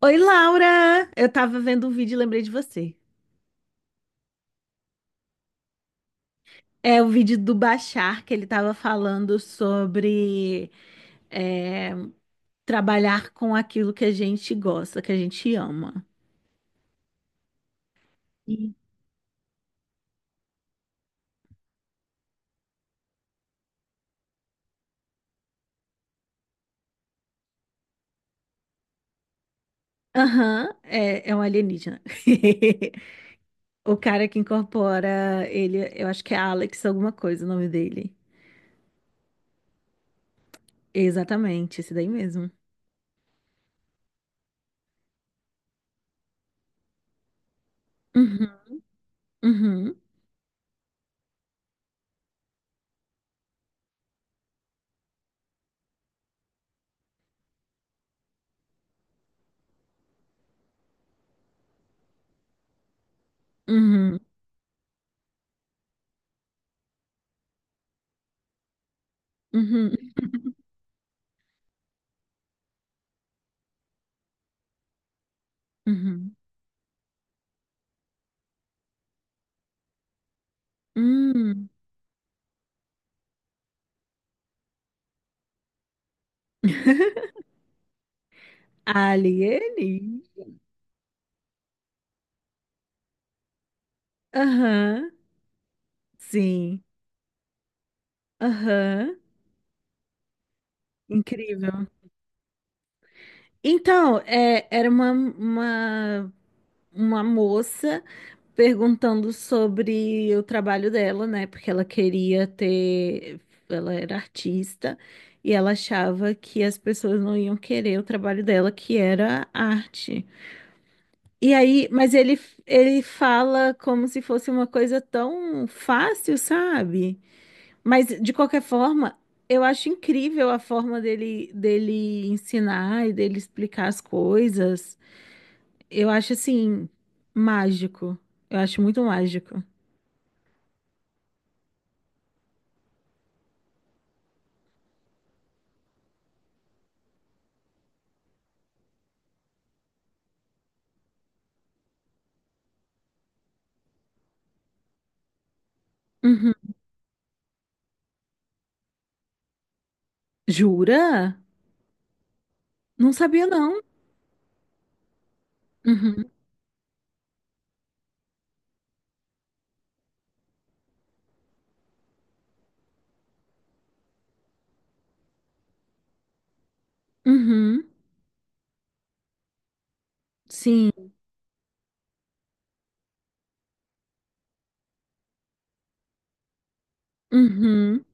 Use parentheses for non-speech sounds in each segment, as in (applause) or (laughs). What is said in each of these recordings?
Oi, Laura! Eu tava vendo um vídeo e lembrei de você. É o vídeo do Bashar, que ele tava falando sobre é, trabalhar com aquilo que a gente gosta, que a gente ama. E- Aham, é, é um alienígena. (laughs) O cara que incorpora ele, eu acho que é Alex, alguma coisa o nome dele. Exatamente, esse daí mesmo. Uhum, uhum, uhum, uhum, uhum. Hum. Alienígena. Aham, sim. Aham, incrível. Então, era uma moça perguntando sobre o trabalho dela, né? Porque ela queria ter. Ela era artista e ela achava que as pessoas não iam querer o trabalho dela, que era arte. E aí, ele fala como se fosse uma coisa tão fácil, sabe? Mas de qualquer forma, eu acho incrível a forma dele ensinar e dele explicar as coisas. Eu acho assim mágico. Eu acho muito mágico. Uhum. Jura? Não sabia não. Uhum. Uhum. Sim. Uhum.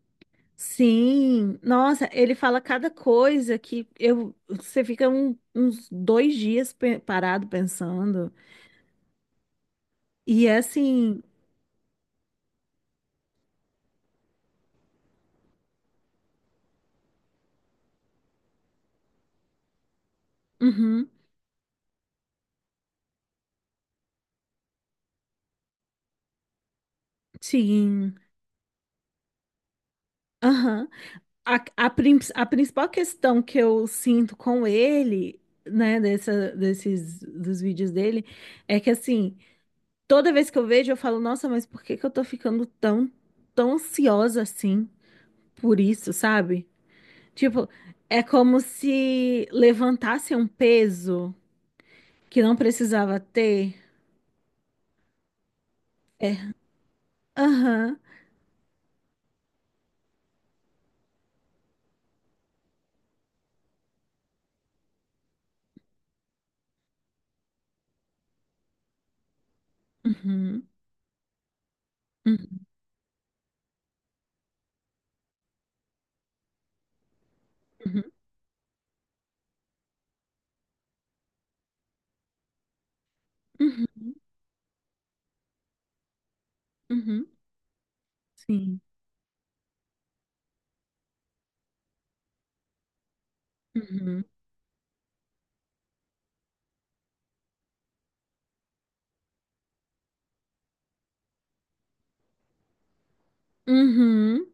Sim. Nossa, ele fala cada coisa que eu você fica uns dois dias parado pensando. E é assim. Uhum. Sim. Aham. A principal questão que eu sinto com ele, dos vídeos dele, é que assim, toda vez que eu vejo, eu falo, nossa, mas por que que eu tô ficando tão ansiosa assim por isso, sabe? Tipo, é como se levantasse um peso que não precisava ter. Aham. Uhum. Uhum. Uhum. Uhum. Uhum. Sim. Uhum. Uhum.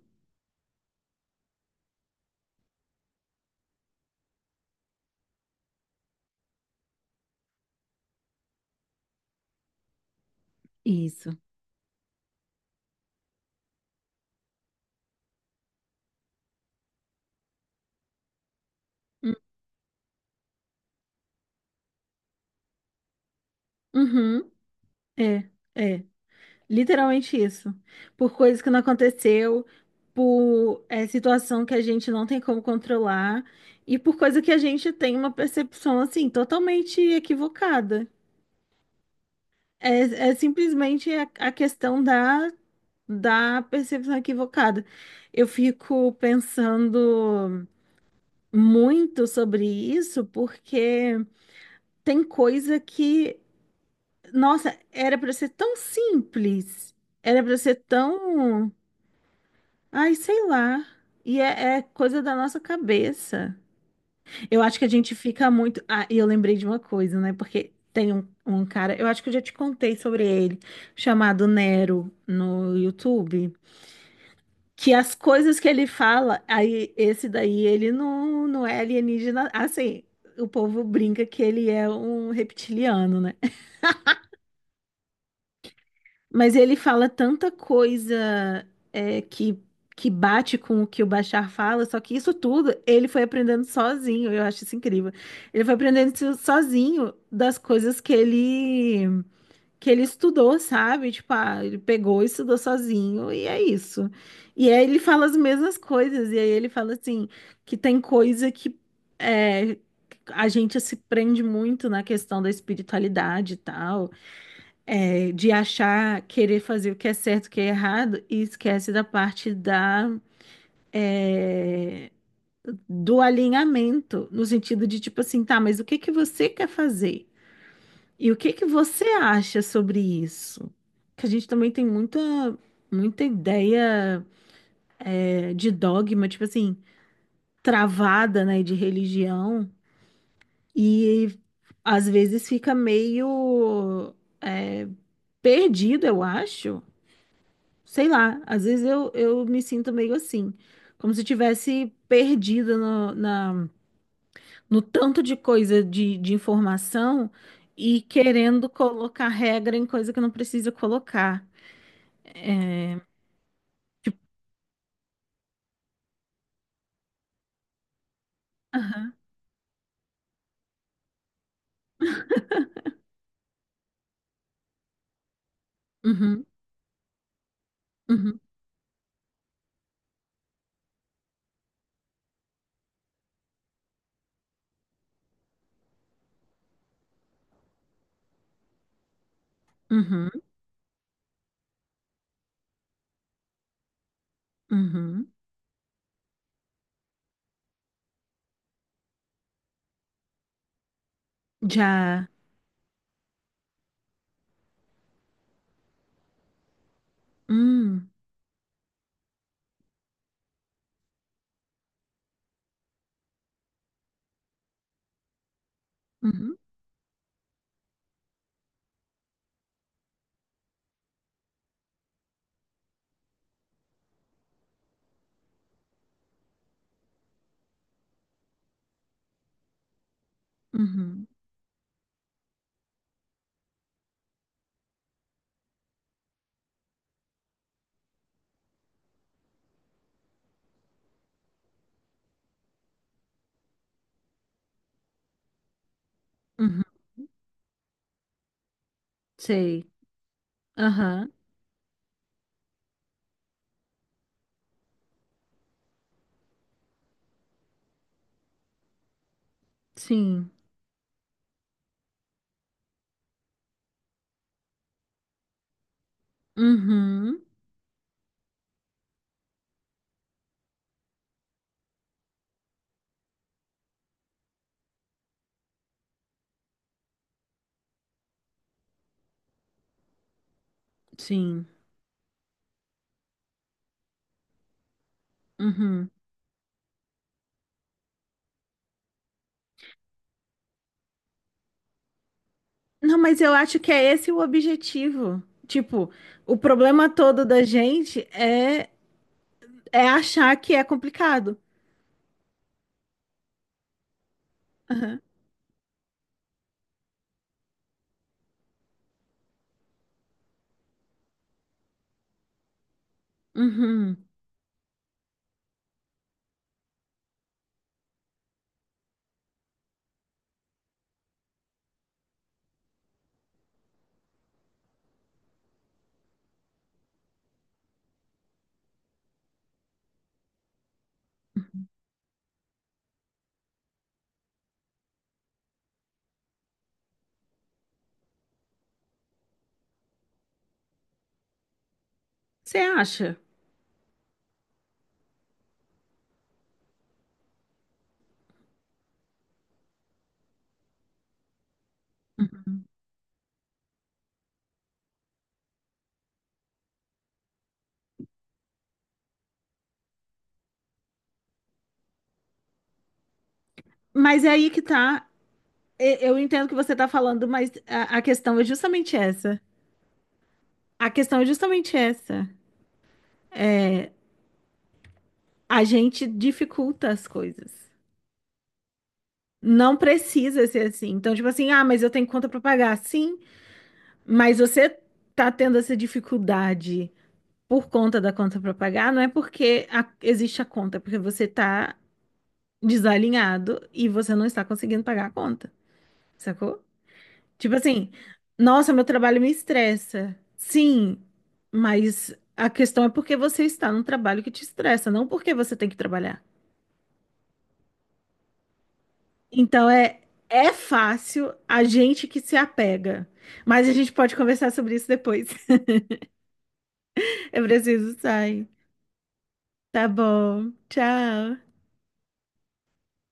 Isso. Uhum. É. É. Literalmente isso. Por coisas que não aconteceu, por situação que a gente não tem como controlar e por coisa que a gente tem uma percepção assim totalmente equivocada. É, é simplesmente a questão da percepção equivocada. Eu fico pensando muito sobre isso porque tem coisa que, nossa, era para ser tão simples, era para ser tão Ai, sei lá. E é, é coisa da nossa cabeça. Eu acho que a gente fica muito. Ah, e eu lembrei de uma coisa, né? Porque tem um cara, eu acho que eu já te contei sobre ele, chamado Nero no YouTube. Que as coisas que ele fala, aí esse daí, ele não, não é alienígena. Assim, o povo brinca que ele é um reptiliano, né? Mas ele fala tanta coisa que bate com o que o Bashar fala, só que isso tudo ele foi aprendendo sozinho, eu acho isso incrível. Ele foi aprendendo isso sozinho das coisas que ele estudou, sabe? Tipo, ah, ele pegou e estudou sozinho e é isso. E aí ele fala as mesmas coisas, e aí ele fala assim, que tem coisa é, a gente se prende muito na questão da espiritualidade e tal de achar, querer fazer o que é certo, o que é errado, e esquece da parte é, do alinhamento, no sentido de tipo assim, tá, mas o que que você quer fazer? E o que que você acha sobre isso? Que a gente também tem muita ideia, de dogma, tipo assim, travada, né, de religião, e às vezes fica é, perdido, eu acho. Sei lá, às vezes eu me sinto meio assim, como se tivesse perdida no tanto de coisa de informação e querendo colocar regra em coisa que não precisa colocar. Aham. Uhum, uhum, uhum, uhum. Já. Hum. uhum, uhum, uhum. Sei. Aham. Sim. Uhum, sim. Uhum. Não, mas eu acho que é esse o objetivo. Tipo, o problema todo da gente é achar que é complicado. Aham. Uhum. Você acha? Uhum. Mas é aí que tá. Eu entendo o que você tá falando, mas a questão é justamente essa. A questão é justamente essa. A gente dificulta as coisas. Não precisa ser assim. Então, tipo assim, ah, mas eu tenho conta pra pagar. Sim, mas você tá tendo essa dificuldade por conta da conta para pagar, não é porque existe a conta, é porque você tá desalinhado e você não está conseguindo pagar a conta, sacou? Tipo assim, nossa, meu trabalho me estressa. Sim, mas a questão é porque você está num trabalho que te estressa, não porque você tem que trabalhar. Então é fácil a gente que se apega, mas a gente pode conversar sobre isso depois. (laughs) Eu preciso sair. Tá bom. Tchau.